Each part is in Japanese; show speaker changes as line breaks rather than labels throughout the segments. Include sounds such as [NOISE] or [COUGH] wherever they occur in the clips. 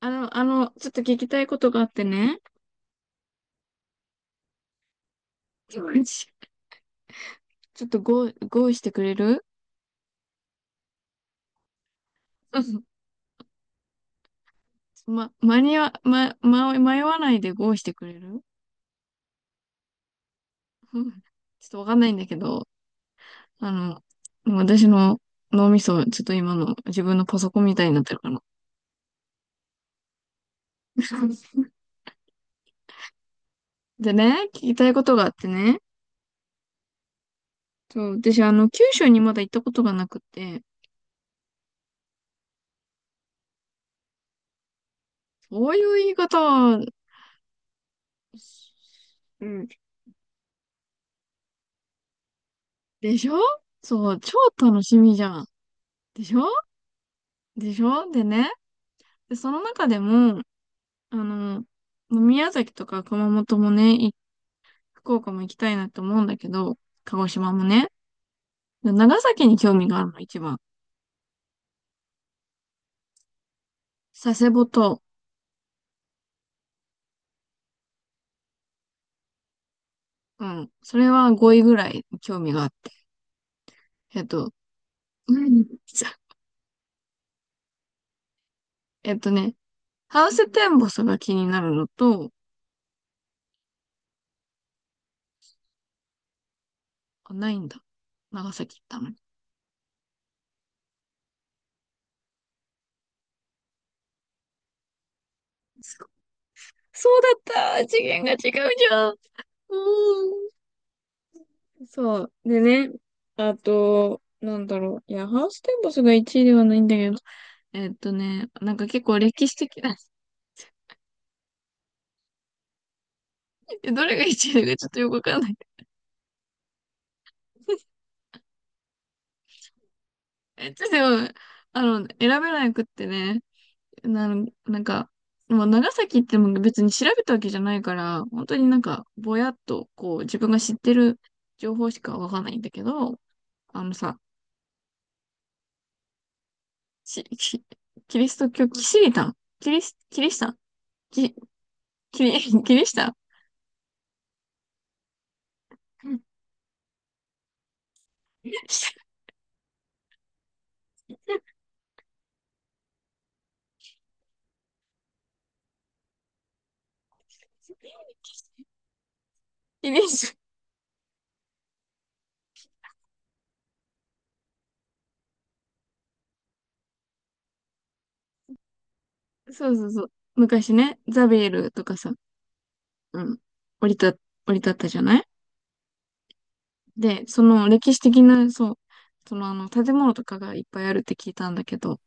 ちょっと聞きたいことがあってね。ちょっとゴーしてくれる？うん。 [LAUGHS] ま、間に合、ま、ま、迷わないでゴーしてくれる？うん。 [LAUGHS] ちょっとわかんないんだけど、あ私の脳みそ、ちょっと今の自分のパソコンみたいになってるかな。[LAUGHS] でね、聞きたいことがあってね。そう、私、九州にまだ行ったことがなくて、そういう言い方は、うん、でしょ？そう、超楽しみじゃん。でしょ？でしょ？でね、で、その中でも、あの、もう宮崎とか熊本もね、福岡も行きたいなって思うんだけど、鹿児島もね。で長崎に興味があるの、一番。佐世保と、うん。それは5位ぐらい興味があって。えっと、[LAUGHS] 何じゃ。えっとね、ハウステンボスが気になるのと、あ、ないんだ。長崎行ったのに。すごい。そうだった。次元が違うじゃん。うーん。そう。でね、あと、なんだろう。いや、ハウステンボスが1位ではないんだけど。なんか結構歴史的な。 [LAUGHS] どれが1位だかちょっとよくわかんない。[LAUGHS] でも、選べなくってね、なんか、もう長崎っても別に調べたわけじゃないから、本当になんか、ぼやっと、こう、自分が知ってる情報しかわかんないんだけど、あのさ、し、しキリスト教、キシリタン、キリス、キリシタン、キ、キリ、キリシタン。 [LAUGHS] イメージ。そうそうそう。昔ね、ザビエルとかさ、うん、降り立ったじゃない？で、その歴史的な、そう、その建物とかがいっぱいあるって聞いたんだけど、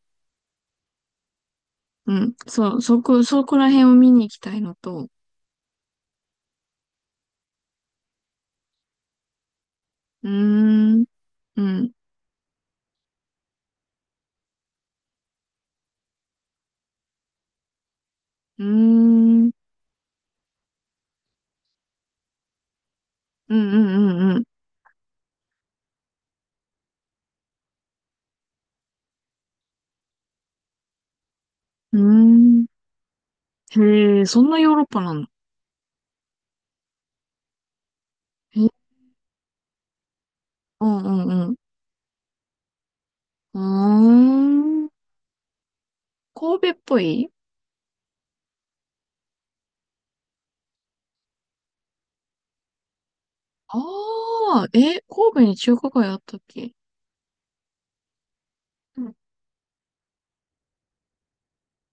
うん、そう、そこら辺を見に行きたいのと、うーん、うん、うーん、うん、うん、うん、うん、うーん。へえ、そんなヨーロッパなんだ。へえ、うん、うん、うん。うーん、神戸っぽい。ああ、え、神戸に中華街あったっけ？うん、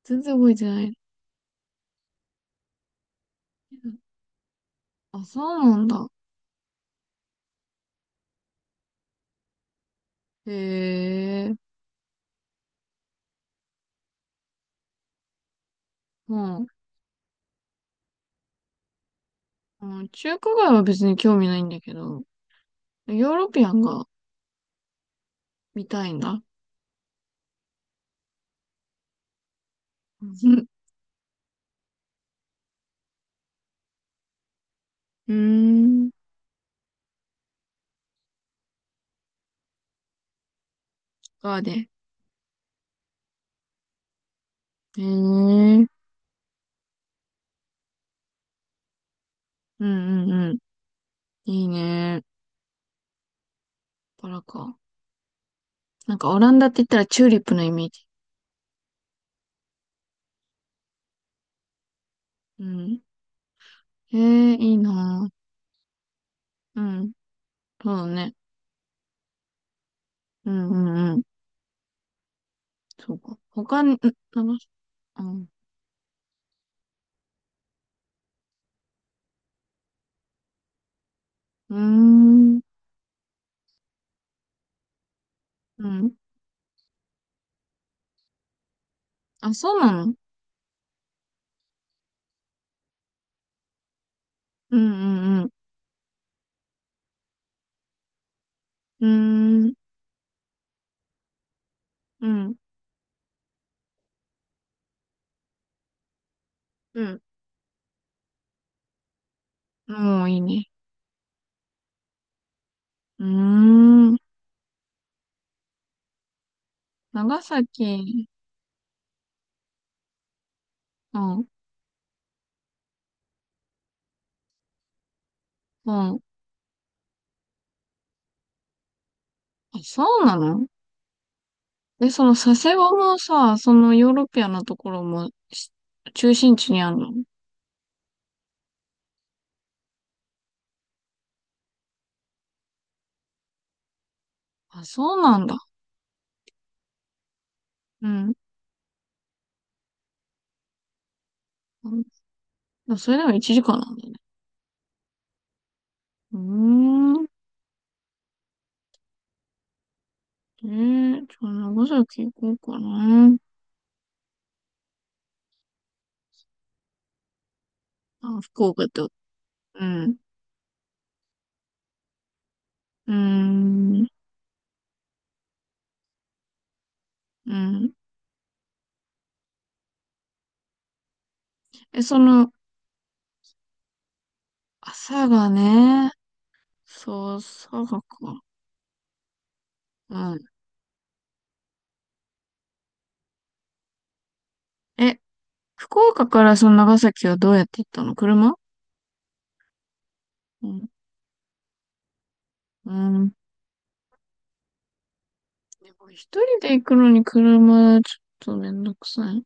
全然覚えてない。うん、あ、そうなんだ。へえ、うん。うん、中華街は別に興味ないんだけど、ヨーロピアンが見たいんだ。うん。[LAUGHS] うーん。バーで。へえ、うんうんうん。いいね。バラか。なんかオランダって言ったらチューリップのイメージ。うん。へえ、いいなぁ。うん。そうだね。うんうんうん。そうか。他に、ん、なんか、うん。うーん。うん。あ、そうなの？うんうんうん。うーん。うん。うん。もういいね。うーん。長崎。うん。うん。あ、そうなの？で、その佐世保もさ、そのヨーロピアなところも中心地にあるの？あ、そうなんだ。うん。う、それでも1時間なんだね。うーん。えじゃあ長崎行こうかな。あ、福岡と。うん。うーん。うん。え、その、朝がね、そう、朝がか。うん。え、福岡からその長崎はどうやって行ったの？車？うん。うん。でも一人で行くのに車、ちょっとめんどくさい。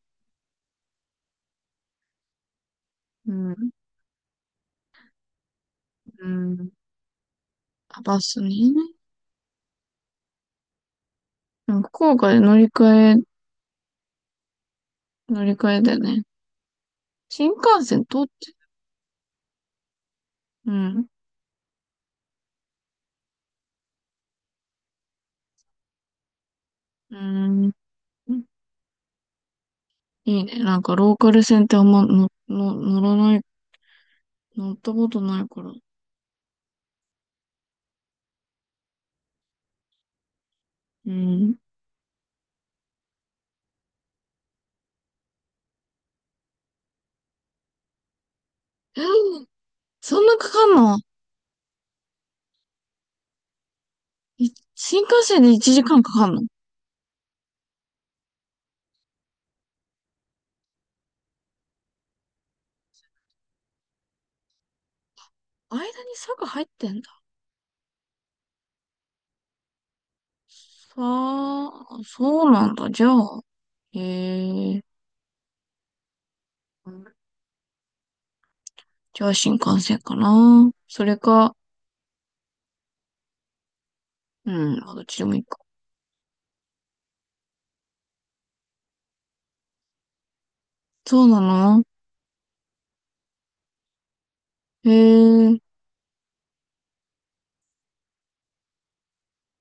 うん。うん。あ、バスね。うん、福岡で乗り換えだよね。新幹線通って。うん。うん。いいね。なんかローカル線ってあんま乗ったことないから。うん。えーそんなかかんの？新幹線で1時間かんかかんの？間に坂入ってんだ。さあ、そうなんだ。じゃあ、へえ。じゃあ新幹線かな。それか、うん、まあどっちでもいいか。そうなの？へえ、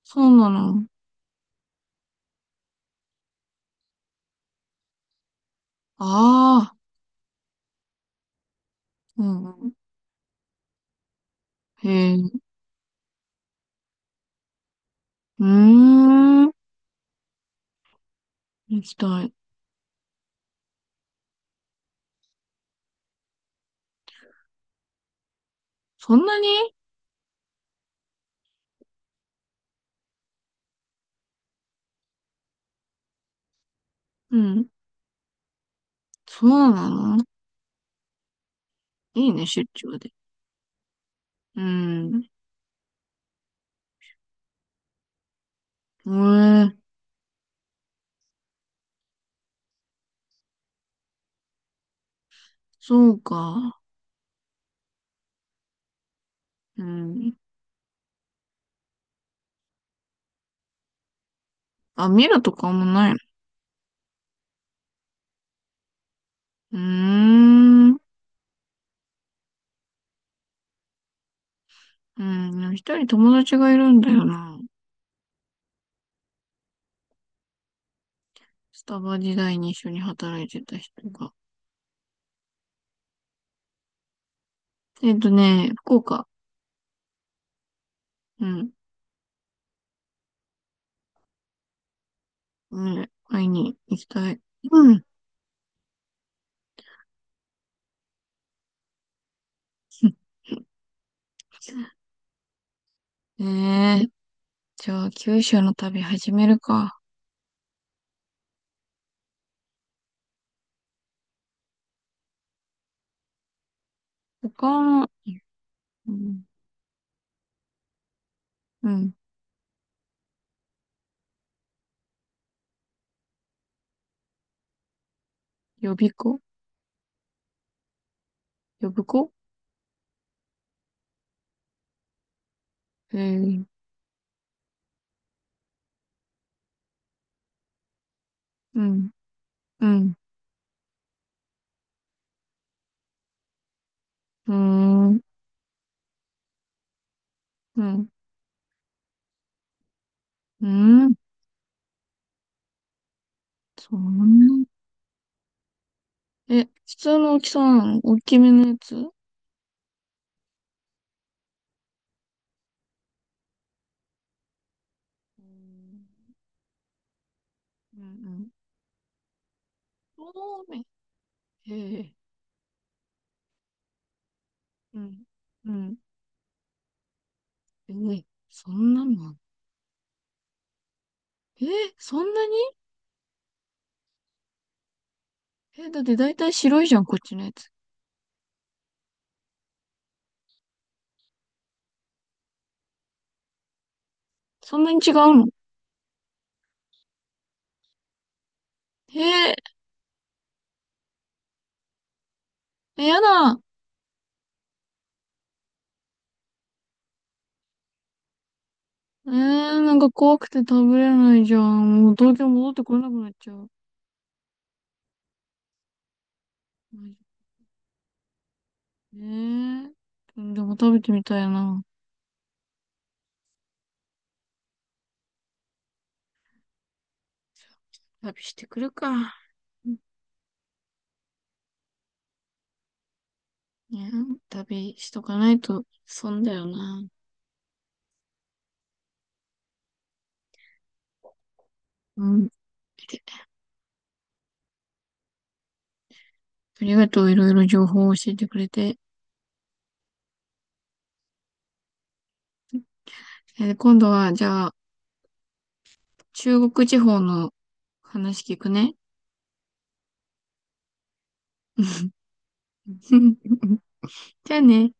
そうなの。ああ、うん。へえ、うーん。行きたい。そんなに？うん。そうなの？いいね、出張で。うん。ええ、そうか。うん。あ、見るとかもない？うーん。うん。一人友達がいるんだよな。スタバ時代に一緒に働いてた人が。福岡。うん。ね、会いに行きたい。うん。[LAUGHS] ね、じゃあ、九州の旅始めるか。他の、うん、うん、予備校予備校えーうん、うん、うーん、うん、うん、そんな。え、普通の大きさなの？大きめのやつ？うん、うん、そうめん。へえ。うん。うん。ええ、そんなのあん？えー、そんなに？え、だって大体白いじゃん、こっちのやつ。そんなに違うの？えー、え、やだ。えー、なんか怖くて食べれないじゃん。もう東京戻ってこれなくなっちゃう。ねえー、でも食べてみたいな。旅してくるか。うん、いや、旅しとかないと損だよな。うん。ありがとう、いろいろ情報を教えてくれて。今度は、じゃあ、中国地方の話聞くね。[LAUGHS] じゃあね。